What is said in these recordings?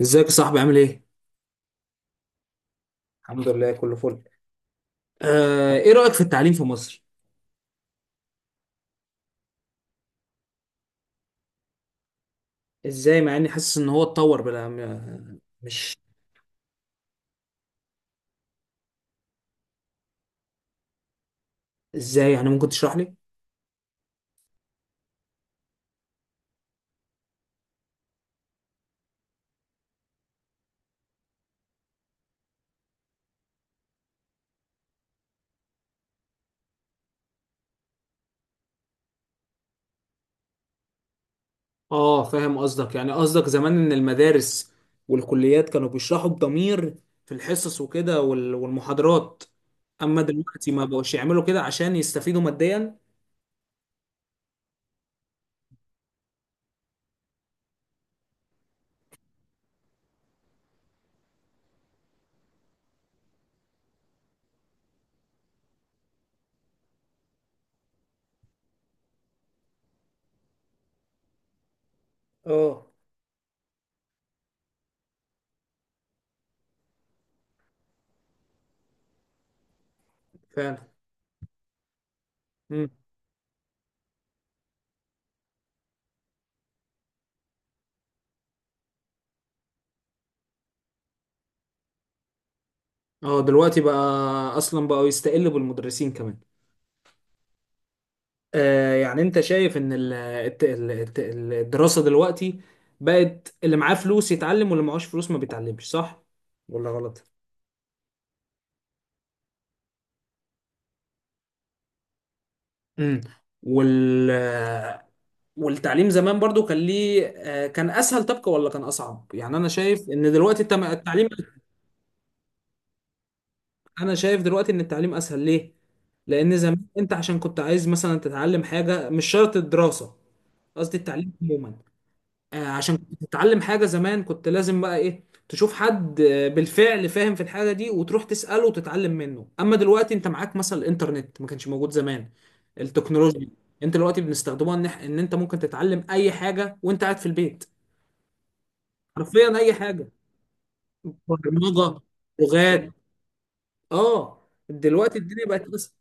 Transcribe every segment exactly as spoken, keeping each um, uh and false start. ازيك يا صاحبي عامل ايه؟ الحمد لله كله فل. آه، ايه رأيك في التعليم في مصر؟ ازاي مع اني حاسس ان هو اتطور بلا م- مش. ازاي يعني ممكن تشرح لي؟ اه فاهم قصدك، يعني قصدك زمان ان المدارس والكليات كانوا بيشرحوا بضمير في الحصص وكده وال- والمحاضرات، اما دلوقتي ما بقوش يعملوا كده عشان يستفيدوا ماديا. اه فعلا. مم. اه دلوقتي بقى اصلا بقوا يستقلوا بالمدرسين كمان. آه، يعني انت شايف ان ال- الت- ال- الت- ال- الدراسة دلوقتي بقت اللي معاه فلوس يتعلم واللي معهوش فلوس ما بيتعلمش، صح ولا غلط؟ امم. وال آه، والتعليم زمان برضو كان ليه، آه، كان اسهل طبقة ولا كان اصعب؟ يعني انا شايف ان دلوقتي التم- التعليم، انا شايف دلوقتي ان التعليم اسهل. ليه؟ لان زمان انت عشان كنت عايز مثلا تتعلم حاجة مش شرط الدراسة، قصدي التعليم عموما. آه، عشان كنت تتعلم حاجة زمان كنت لازم بقى ايه، تشوف حد آه، بالفعل فاهم في الحاجة دي وتروح تسأله وتتعلم منه، اما دلوقتي انت معاك مثلا الانترنت، ما كانش موجود زمان. التكنولوجيا انت دلوقتي بنستخدمها ان إح- إن انت ممكن تتعلم اي حاجة وانت قاعد في البيت، حرفيا اي حاجة. برمجة، لغات. اه دلوقتي الدنيا بقت بس.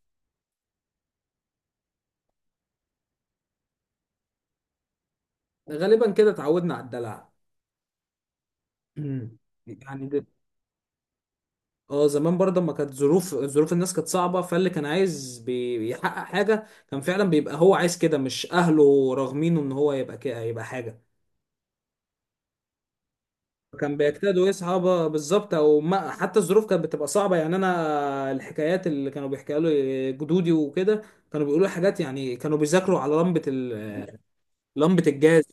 غالبا كده اتعودنا على الدلع. يعني اه زمان برضه ما كانت ظروف، ظروف الناس كانت صعبة، فاللي كان عايز بي- بيحقق حاجة كان فعلا بيبقى هو عايز كده، مش أهله راغمينه إن هو يبقى كده يبقى حاجة. كان بيجتهد ويسعى ب- بالظبط، أو ما حتى الظروف كانت بتبقى صعبة. يعني أنا الحكايات اللي كانوا بيحكيها لي جدودي وكده، كانوا بيقولوا حاجات، يعني كانوا بيذاكروا على لمبة ال... لمبة الجاز،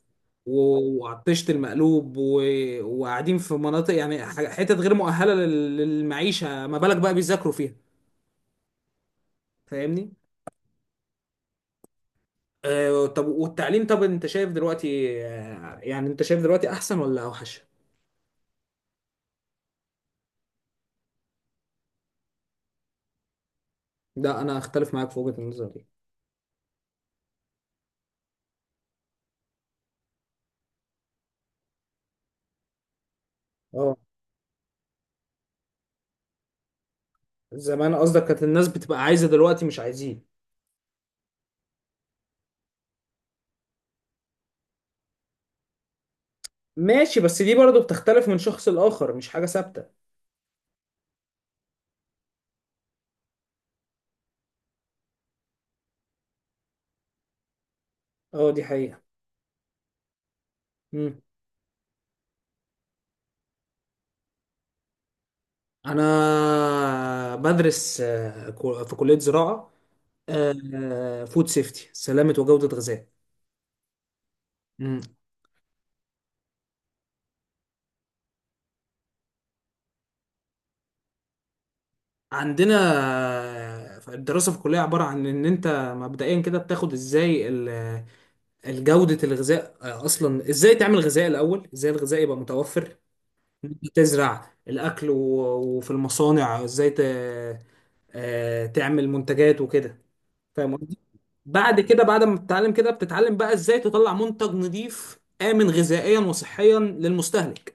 و- وعلى الطشت المقلوب و... وقاعدين في مناطق يعني ح- حتت غير مؤهلة لل- للمعيشة، ما بالك بقى بيذاكروا فيها. فاهمني؟ آه، طب والتعليم، طب انت شايف دلوقتي، آه، يعني انت شايف دلوقتي احسن ولا اوحش؟ لا انا اختلف معاك في وجهة النظر دي. اه زمان قصدك كانت الناس بتبقى عايزة، دلوقتي مش عايزين. ماشي، بس دي برضو بتختلف من شخص لآخر، مش حاجة ثابتة. اه دي حقيقة. مم. انا بدرس آه، كو- في كلية زراعة، فود سيفتي، سلامة وجودة غذاء. مم. عندنا آه، الدراسة في الكلية عبارة عن ان انت مبدئيا كده بتاخد ازاي جودة الغذاء، آه، أصلا إزاي تعمل غذاء الأول، إزاي الغذاء يبقى متوفر، تزرع الأكل و- وفي المصانع إزاي ت... آه، تعمل منتجات وكده. فاهم قصدي؟ بعد كده بعد ما بتتعلم كده بتتعلم بقى إزاي تطلع منتج نظيف آمن غذائيا وصحيا للمستهلك.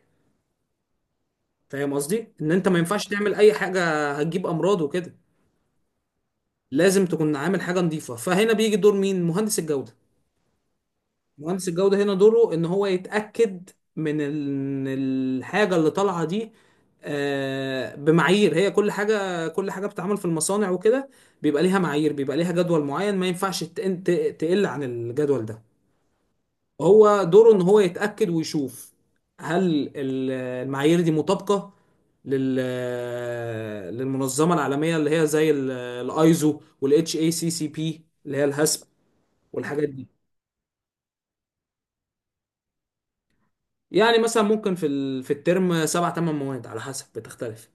فاهم قصدي إن أنت ما ينفعش تعمل أي حاجة هتجيب أمراض وكده، لازم تكون عامل حاجة نظيفة. فهنا بيجي دور مين؟ مهندس الجودة. مهندس الجودة هنا دوره ان هو يتأكد من ال- إن الحاجة اللي طالعة دي آه، بمعايير، هي كل حاجة، كل حاجة بتتعمل في المصانع وكده بيبقى ليها معايير، بيبقى ليها جدول معين ما ينفعش ت- ت- تقل عن الجدول ده. هو دوره ان هو يتأكد ويشوف هل ال- المعايير دي مطابقة لل للمنظمة العالمية اللي هي زي الايزو والاتش اي سي سي بي اللي هي الهاسب، والحاجات دي. يعني مثلا ممكن في ال... في الترم سبع تمن مواد على حسب، بتختلف.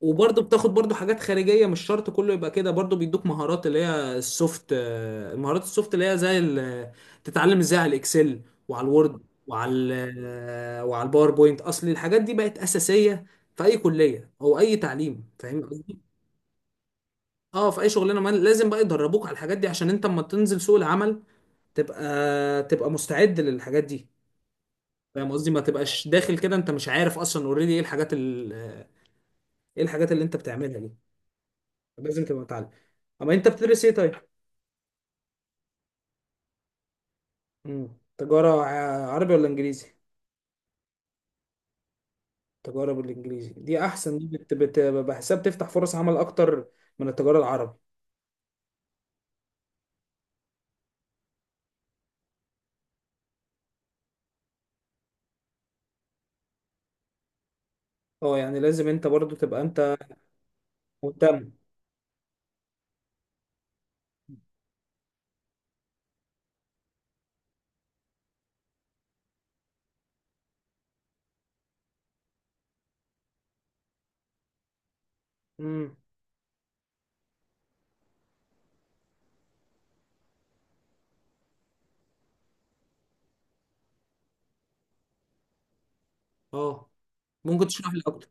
وبرضه بتاخد برضه حاجات خارجية، مش شرط كله يبقى كده، برضه بيدوك مهارات اللي هي السوفت، آه، المهارات السوفت اللي هي زي ال... تتعلم ازاي على الاكسل وعلى الوورد وعلى ال... آه، وعلى الباوربوينت. اصل الحاجات دي بقت أساسية في اي كلية او اي تعليم، فاهم قصدي؟ اه في اي شغلانة، ما لازم بقى يدربوك على الحاجات دي عشان انت اما تنزل سوق العمل تبقى تبقى مستعد للحاجات دي. فاهم قصدي، ما تبقاش داخل كده انت مش عارف اصلا اوريدي ايه الحاجات ال- ايه الحاجات اللي انت بتعملها دي. لازم تبقى متعلم. اما انت بتدرس ايه طيب؟ مم. تجارة ع- عربي ولا انجليزي؟ تجارة بالانجليزي، دي احسن، دي بت... بت... بحساب تفتح فرص عمل اكتر من التجارة العربي. اه يعني لازم انت برضو تبقى انت مهتم. امم. اه ممكن تشرح لي اكتر.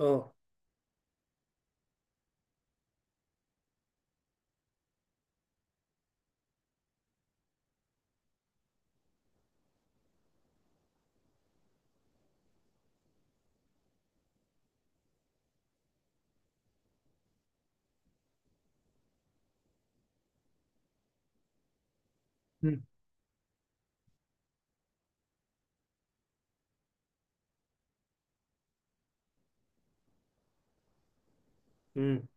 اه. امم. امم.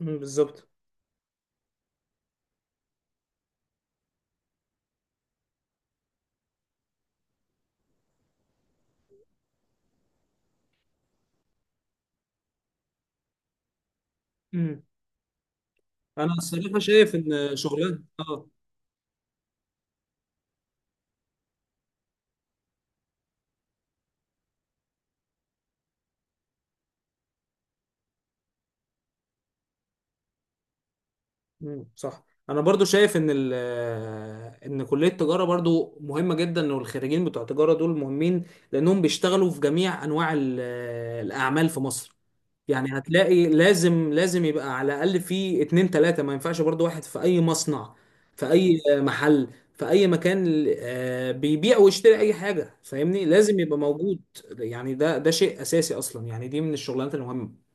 بالظبط. مم. انا الصراحة شايف ان شغلانة، اه. مم، صح. انا برضو شايف ان ال آه، ان كليه التجاره برضو مهمه جدا، والخريجين بتوع التجاره دول مهمين لانهم بيشتغلوا في جميع انواع ال- آه، الاعمال في مصر. يعني هتلاقي لازم لازم يبقى على الاقل في اتنين تلاته، ما ينفعش برضو واحد. في اي مصنع، في اي محل، في اي مكان آه، بيبيع ويشتري اي حاجه، فاهمني، لازم يبقى موجود. يعني ده ده شيء اساسي اصلا، يعني دي من الشغلانات المهمه.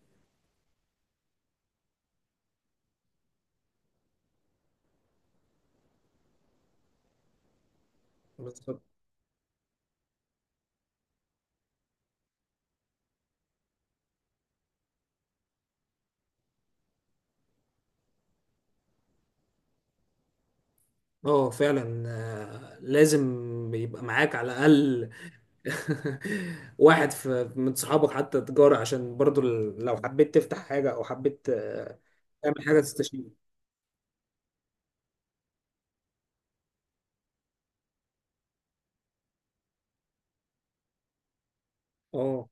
بالظبط. اه فعلا، آه، لازم يبقى معاك على الاقل واحد في من صحابك حتى تجاري، عشان برضو ال- لو حبيت تفتح حاجة او حبيت آه، تعمل حاجة تستشير. اه.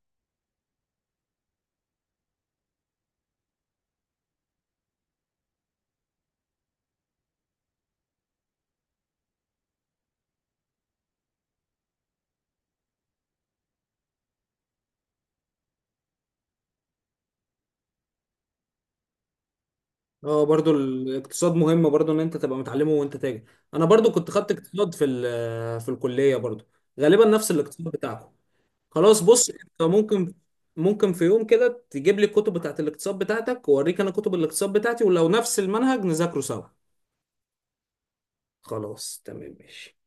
اه برضو الاقتصاد مهم، برضو ان انت تبقى متعلمه وانت تاجر. انا برضو كنت خدت اقتصاد في ال- في الكلية برضو، غالبا نفس الاقتصاد بتاعكم. خلاص بص انت ممكن، ممكن في يوم كده تجيب لي الكتب بتاعت الاقتصاد بتاعتك واوريك انا كتب الاقتصاد بتاعتي، ولو نفس المنهج نذاكره سوا. خلاص تمام. ماشي.